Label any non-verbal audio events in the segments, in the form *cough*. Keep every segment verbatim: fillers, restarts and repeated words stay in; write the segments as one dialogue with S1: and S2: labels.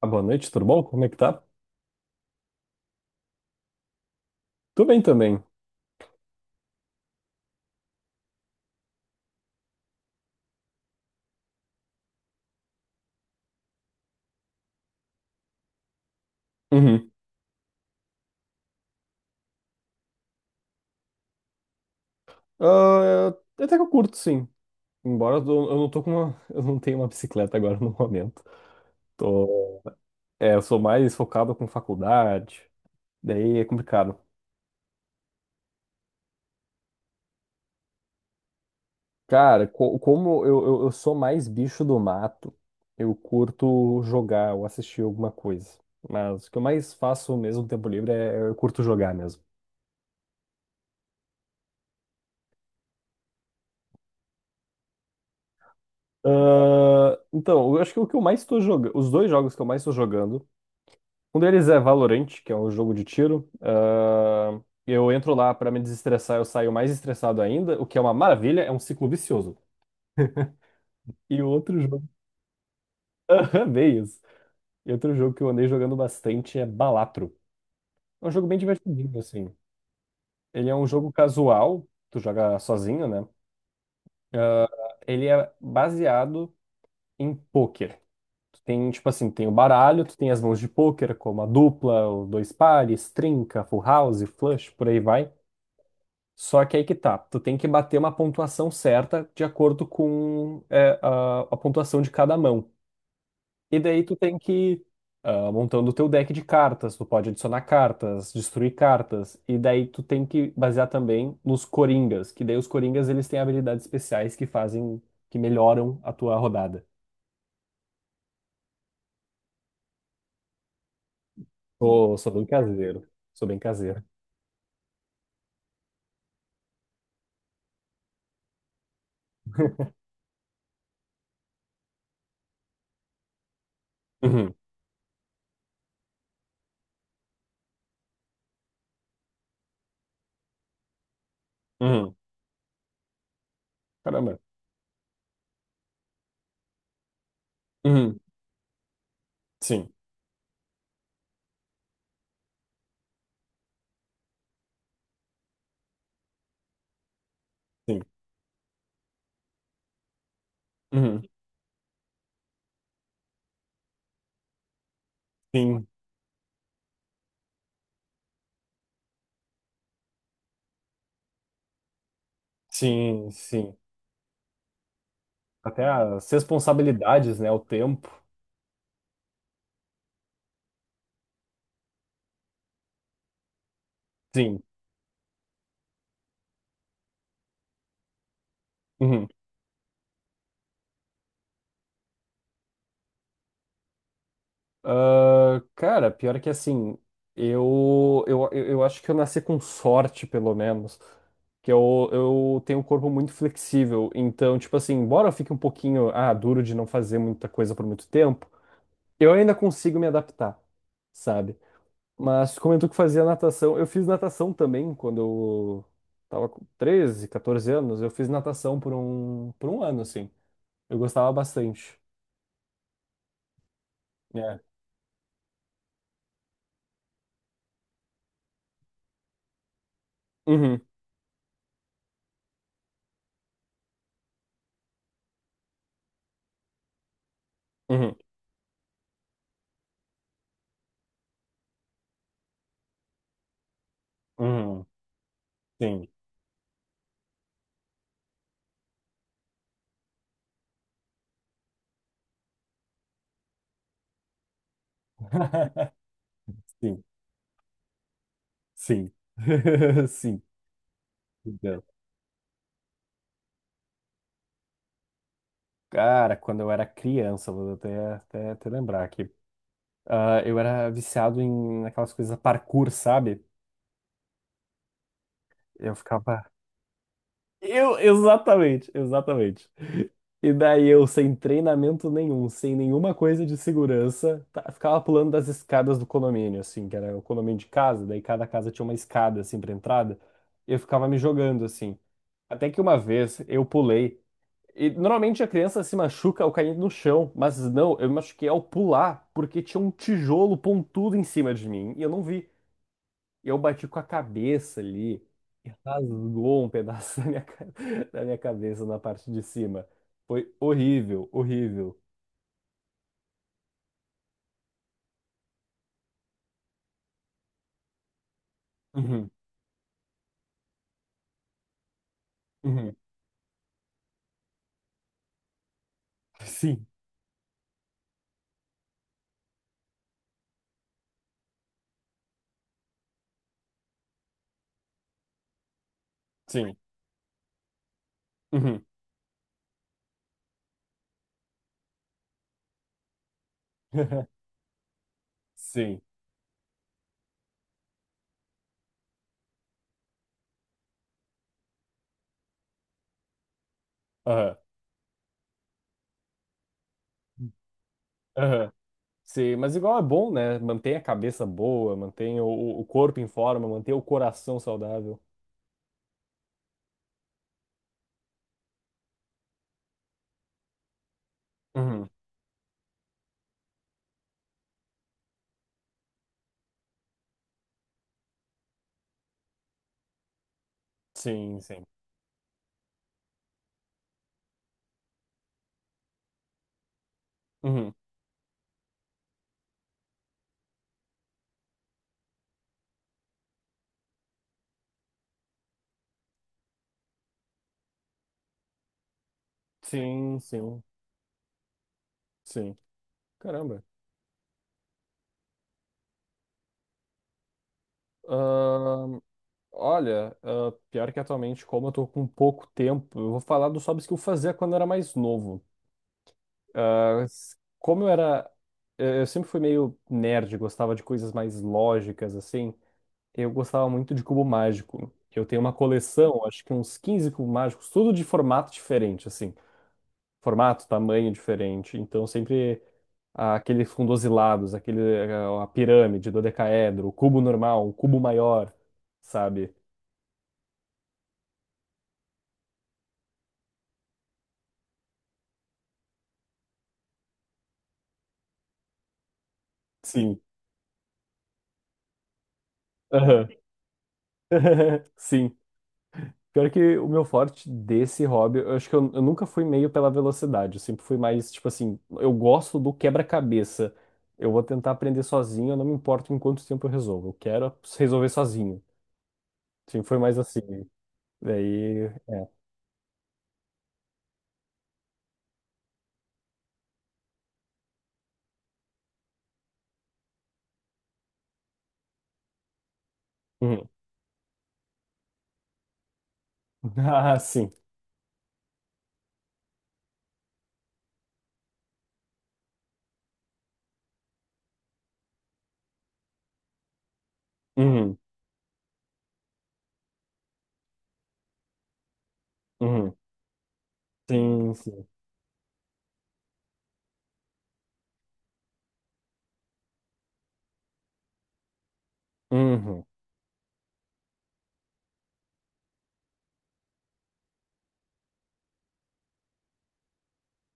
S1: Ah, boa noite, tudo bom? Como é que tá? Tudo bem também. Uhum. Ah, eu- até que eu curto, sim. Embora eu, eu não tô com uma, *laughs* eu não tenho uma bicicleta agora no momento. Tô, é, eu sou mais focado com faculdade, daí é complicado. Cara, co- como eu, eu, eu sou mais bicho do mato, eu curto jogar ou assistir alguma coisa. Mas o que eu mais faço mesmo no tempo livre é é eu curto jogar mesmo. Ah, então, eu acho que o que eu mais tô jogando, os dois jogos que eu mais tô jogando. Um deles é Valorant, que é um jogo de tiro. Ah, eu entro lá pra me desestressar, eu saio mais estressado ainda, o que é uma maravilha, é um ciclo vicioso. E o outro jogo. *laughs* Aham, bem isso. E outro jogo que eu andei jogando bastante é Balatro. É um jogo bem divertidinho, assim. Ele é um jogo casual, tu joga sozinho, né? Ele é baseado em pôquer. Tu tem, tipo assim, tem o baralho, tu tem as mãos de pôquer, como a dupla, o dois pares, trinca, full house, flush, por aí vai. Só que aí que tá, tu tem que bater uma pontuação certa de acordo com é, a, a pontuação de cada mão. E daí tu tem que ir ah, montando o teu deck de cartas, tu pode adicionar cartas, destruir cartas, e daí tu tem que basear também nos coringas, que daí os coringas eles têm habilidades especiais que fazem, que melhoram a tua rodada. Pô, sou bem caseiro, sou bem caseiro. Uhum, uhum, caramba. Uhum, sim, sim, uhum, sim, sim, sim. Até as responsabilidades, né? O tempo. Sim. Uhum. Ah, cara, pior que assim, eu, eu, eu acho que eu nasci com sorte, pelo menos. Que eu, eu tenho um corpo muito flexível. Então, tipo assim, embora eu fique um pouquinho, ah, duro de não fazer muita coisa por muito tempo, eu ainda consigo me adaptar, sabe? Mas comentou que fazia natação. Eu fiz natação também quando eu tava com treze, quatorze anos. Eu fiz natação por um, por um ano, assim. Eu gostava bastante. É. Uhum, uhum, uhum. Sim. *laughs* Sim, sim. *laughs* Sim. Entendo. Cara, quando eu era criança, vou até, até, até lembrar aqui. Ah, eu era viciado em aquelas coisas parkour, sabe? Eu ficava. Eu, exatamente, exatamente. E daí eu, sem treinamento nenhum, sem nenhuma coisa de segurança, tá- ficava pulando das escadas do condomínio, assim, que era o condomínio de casa, daí cada casa tinha uma escada, assim, pra entrada. Eu ficava me jogando, assim. Até que uma vez eu pulei. E normalmente a criança se machuca ao cair no chão, mas não, eu me machuquei ao pular, porque tinha um tijolo pontudo em cima de mim e eu não vi. E eu bati com a cabeça ali e rasgou um pedaço *laughs* da minha, ca- da minha cabeça na parte de cima. Foi horrível, horrível. Uhum, uhum. Sim, sim. Uhum. *laughs* Sim. Aham. Aham. Sim, mas igual é bom, né? Mantém a cabeça boa, mantém o, o corpo em forma, mantém o coração saudável. Uhum. Sim, sim. Uhum. Sim, sim, sim. Caramba. Ahn, olha, ah, pior que atualmente, como eu tô com pouco tempo, eu vou falar dos hobbies que eu fazia quando eu era mais novo. Ah, s- como eu era. Eu eu sempre fui meio nerd, gostava de coisas mais lógicas, assim. Eu gostava muito de cubo mágico. Eu tenho uma coleção, acho que uns quinze cubos mágicos, tudo de formato diferente, assim. Formato, tamanho diferente. Então, sempre ah, aqueles fundosilados, aquele, ah, a pirâmide, dodecaedro, o cubo normal, o cubo maior, sabe? Sim. Aham. *laughs* Sim. Pior que o meu forte desse hobby, eu acho que eu, eu nunca fui meio pela velocidade. Eu sempre fui mais, tipo assim, eu gosto do quebra-cabeça. Eu vou tentar aprender sozinho, eu não me importo em quanto tempo eu resolvo. Eu quero resolver sozinho. Sempre foi mais assim. Daí. Uhum. *laughs* Ah, sim. Uhum. Uhum. Sim, sim. Uhum.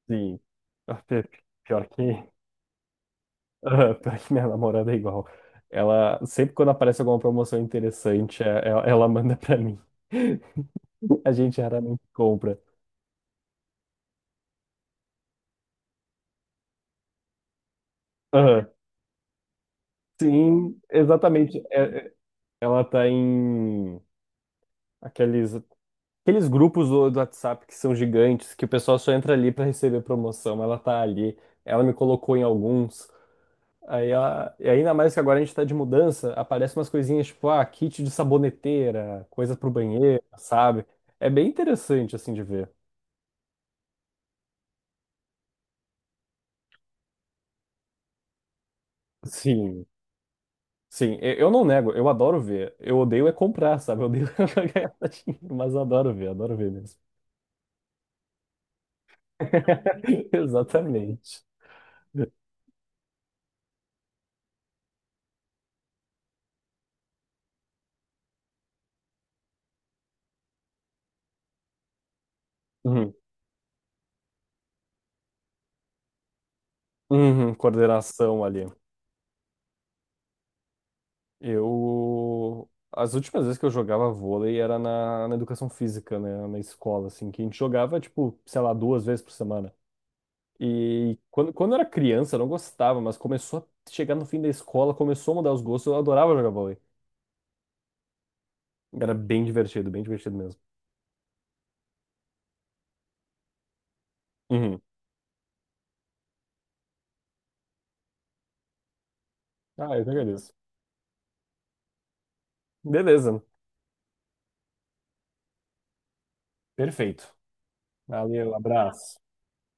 S1: Sim. Ah, pi- pi- Pior que. *laughs* Ah, pior que minha namorada é igual. Ela, sempre quando aparece alguma promoção interessante, é- ela ela manda pra mim. *laughs* A gente raramente compra. Aham. Sim, exatamente. É- é- ela tá em aqueles, aqueles grupos do, do WhatsApp que são gigantes, que o pessoal só entra ali pra receber promoção. Ela tá ali. Ela me colocou em alguns. Aí ela- e ainda mais que agora a gente tá de mudança, aparecem umas coisinhas tipo, ah, kit de saboneteira, coisa pro banheiro, sabe? É bem interessante assim de ver. Sim. Sim, eu eu não nego, eu adoro ver. Eu odeio é comprar, sabe? Eu odeio *laughs* ganhar dinheiro, mas eu adoro ver, adoro ver mesmo. *laughs* Exatamente. Uhum. Uhum, coordenação ali. Eu. As últimas vezes que eu jogava vôlei era na, na educação física, né? Na escola, assim, que a gente jogava, tipo, sei lá, duas vezes por semana. E quando, quando eu era criança, eu não gostava, mas começou a chegar no fim da escola, começou a mudar os gostos, eu adorava jogar vôlei. Era bem divertido, bem divertido mesmo. Uhum. Ah, eu que agradeço. Beleza, perfeito. Valeu, abraço.